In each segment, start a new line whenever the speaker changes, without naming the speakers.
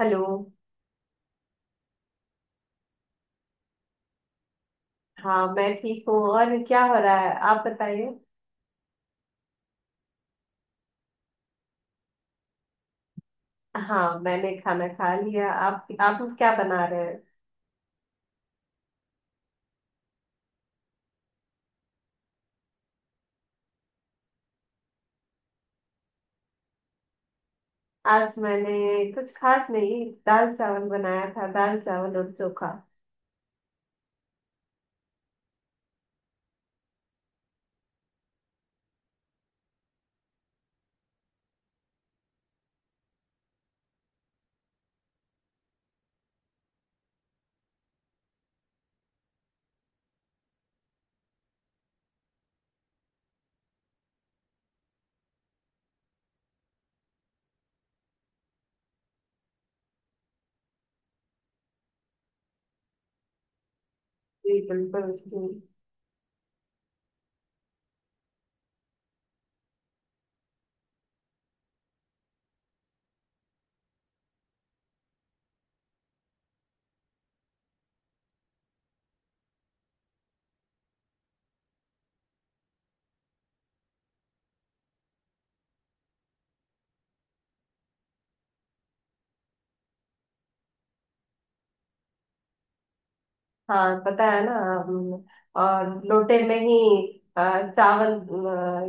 Hello. हाँ, मैं ठीक हूँ। और क्या हो रहा है, आप बताइए। हाँ, मैंने खाना खा लिया। आप लोग क्या बना रहे हैं? आज मैंने कुछ खास नहीं, दाल चावल बनाया था। दाल चावल और चोखा। जी बिल्कुल जी। हाँ, पता है ना। हम, और लोटे में ही चावल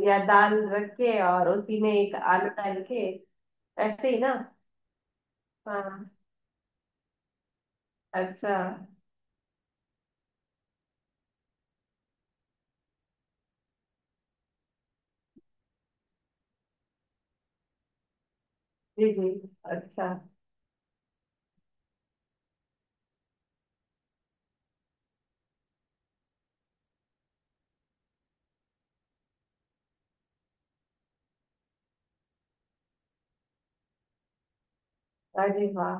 या दाल रख के और उसी में एक आलू डाल के। ऐसे ही ना? हाँ। अच्छा। जी जी। अच्छा। अरे वाह।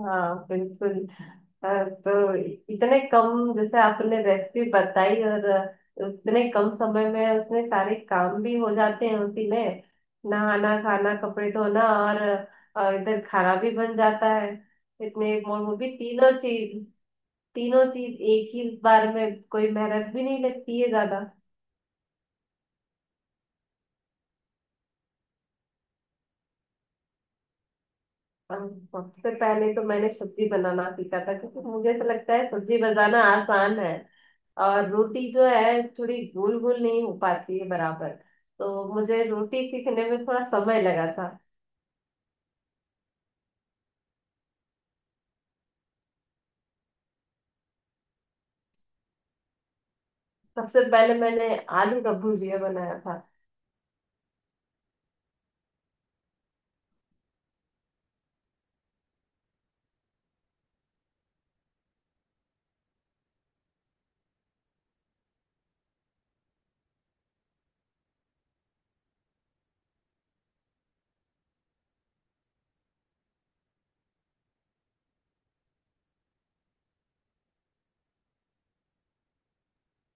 हाँ बिल्कुल। तो इतने कम, जैसे आपने रेसिपी बताई, और उतने कम समय में उसमें सारे काम भी हो जाते हैं उसी में। नहाना, खाना, कपड़े धोना। और इधर खाना भी बन जाता है। इतने, और वो भी तीनों चीज। तीनों चीज एक ही बार में, कोई मेहनत भी नहीं लगती है ज्यादा। अब, सबसे पहले तो मैंने सब्जी बनाना सीखा था, क्योंकि मुझे तो लगता है सब्जी बनाना आसान है। और रोटी जो है, थोड़ी गोल गोल नहीं हो पाती है बराबर। तो मुझे रोटी सीखने में थोड़ा समय लगा था। सबसे पहले मैंने आलू का भुजिया बनाया था।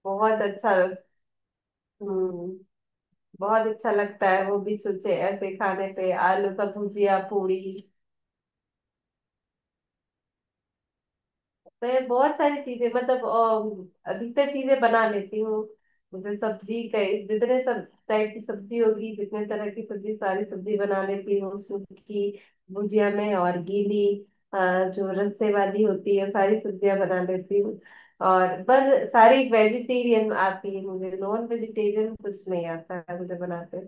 बहुत अच्छा। हम्म। बहुत अच्छा लगता है वो भी सोचे, ऐसे खाने पे आलू का भुजिया पूरी। मैं बहुत सारी चीजें, मतलब अधिकतर चीजें बना लेती हूँ। जैसे सब्जी, कई जितने सब टाइप की सब्जी होगी, जितने तरह की सब्जी, सारी सब्जी बना लेती हूँ। सूखी भुजिया में और गीली। अ, जो रस्से वाली होती है, वो सारी सब्जियां बना लेती हूँ। और पर सारी वेजिटेरियन आती है मुझे, नॉन वेजिटेरियन कुछ नहीं आता है मुझे बनाते।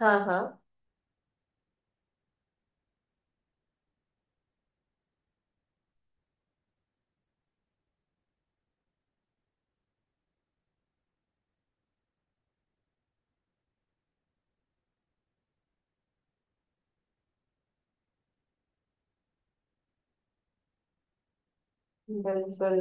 हाँ हाँ। बिल्कुल।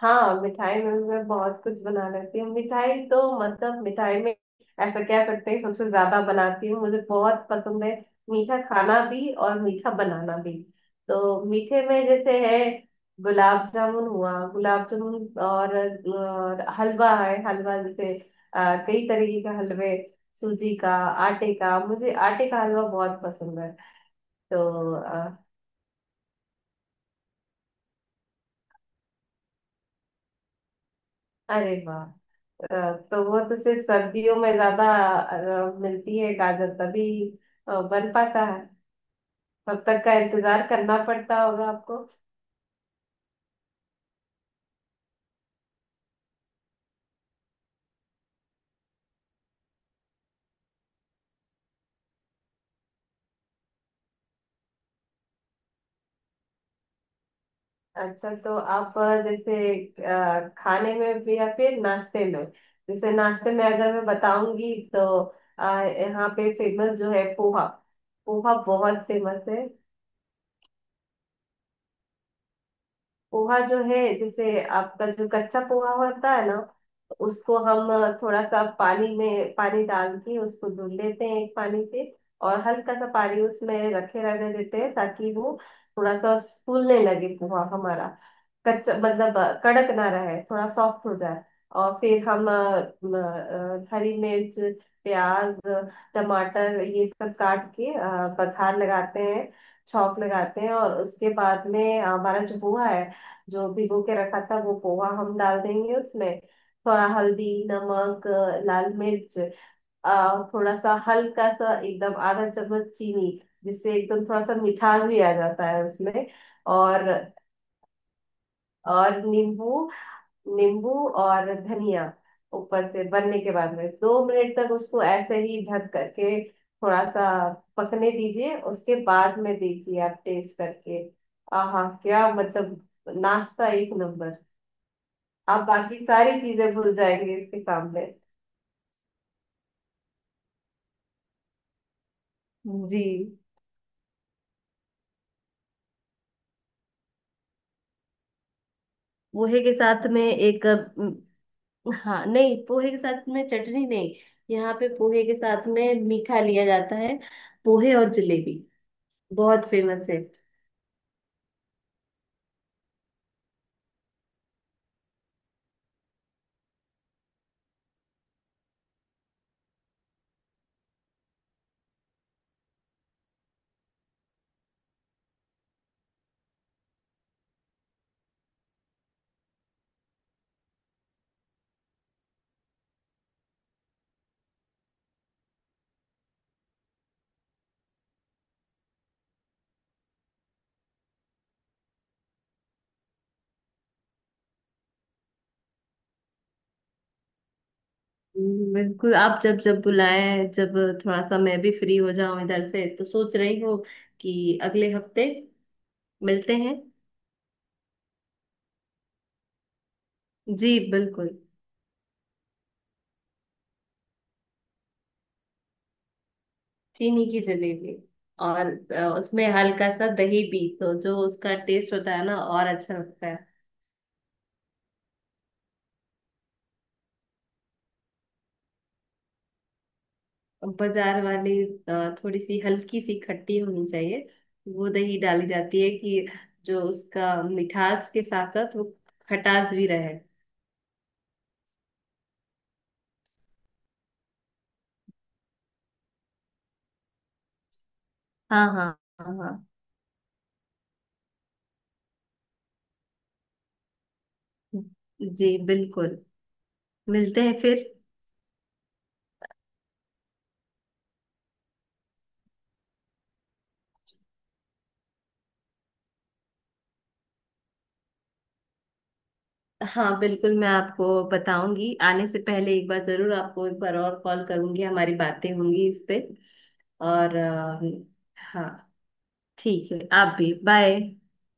हाँ, मिठाई में भी मैं बहुत कुछ बना लेती हूँ। मिठाई तो, मतलब मिठाई में ऐसा कह सकते हैं, सबसे ज्यादा बनाती हूँ, मुझे बहुत पसंद है। मीठा खाना भी और मीठा बनाना भी। तो मीठे में जैसे है, गुलाब जामुन हुआ, गुलाब जामुन, और हलवा है, हलवा जैसे कई तरीके का हलवे। सूजी का। आटे का, मुझे आटे का हलवा बहुत पसंद है। तो अरे वाह। अ, तो वो तो सिर्फ सर्दियों में ज्यादा मिलती है गाजर, तभी बन पाता है। तब तक का इंतजार करना पड़ता होगा आपको। अच्छा, तो आप जैसे खाने में भी या फिर नाश्ते में? जैसे नाश्ते में अगर मैं बताऊंगी तो यहाँ पे फेमस जो है, पोहा। पोहा बहुत फेमस है। पोहा जो है, जैसे आपका जो कच्चा पोहा होता है ना, उसको हम थोड़ा सा पानी में, पानी डाल के उसको धुल लेते हैं एक पानी से। और हल्का सा पानी उसमें रखे रहने देते हैं ताकि वो थोड़ा सा फूलने लगे पोहा हमारा। कच्चा मतलब कड़क ना रहे, थोड़ा सॉफ्ट हो जाए। और फिर हम म, हरी मिर्च, प्याज, टमाटर ये सब काट के बघार लगाते हैं, छौंक लगाते हैं। और उसके बाद में हमारा जो पोहा है, जो भिगो के रखा था, वो पोहा हम डाल देंगे उसमें। थोड़ा हल्दी, नमक, लाल मिर्च, थोड़ा सा हल्का सा एकदम आधा चम्मच चीनी, जिससे एकदम थोड़ा सा मिठास भी आ जाता है उसमें। और और नींबू। नींबू और धनिया ऊपर से। बनने के बाद में 2 मिनट तक उसको ऐसे ही ढक करके थोड़ा सा पकने दीजिए। उसके बाद में देखिए आप टेस्ट करके। आहा, क्या मतलब, नाश्ता एक नंबर। आप बाकी सारी चीजें भूल जाएंगे इसके सामने। जी। पोहे के साथ में एक हाँ, नहीं, पोहे के साथ में चटनी नहीं। यहाँ पे पोहे के साथ में मीठा लिया जाता है। पोहे और जलेबी बहुत फेमस है। बिल्कुल, आप जब जब बुलाएं, जब थोड़ा सा मैं भी फ्री हो जाऊं इधर से। तो सोच रही हूँ कि अगले हफ्ते मिलते हैं। जी बिल्कुल। चीनी की जलेबी। और उसमें हल्का सा दही भी, तो जो उसका टेस्ट होता है ना, और अच्छा लगता है। बाजार वाली। थोड़ी सी हल्की सी खट्टी होनी चाहिए, वो दही डाली जाती है, कि जो उसका मिठास के साथ साथ वो खटास भी रहे। हाँ हाँ हाँ हाँ। जी बिल्कुल। मिलते हैं फिर। हाँ बिल्कुल, मैं आपको बताऊंगी। आने से पहले एक बार जरूर आपको एक बार और कॉल करूंगी, हमारी बातें होंगी इस पे। और हाँ। ठीक है, आप भी बाय।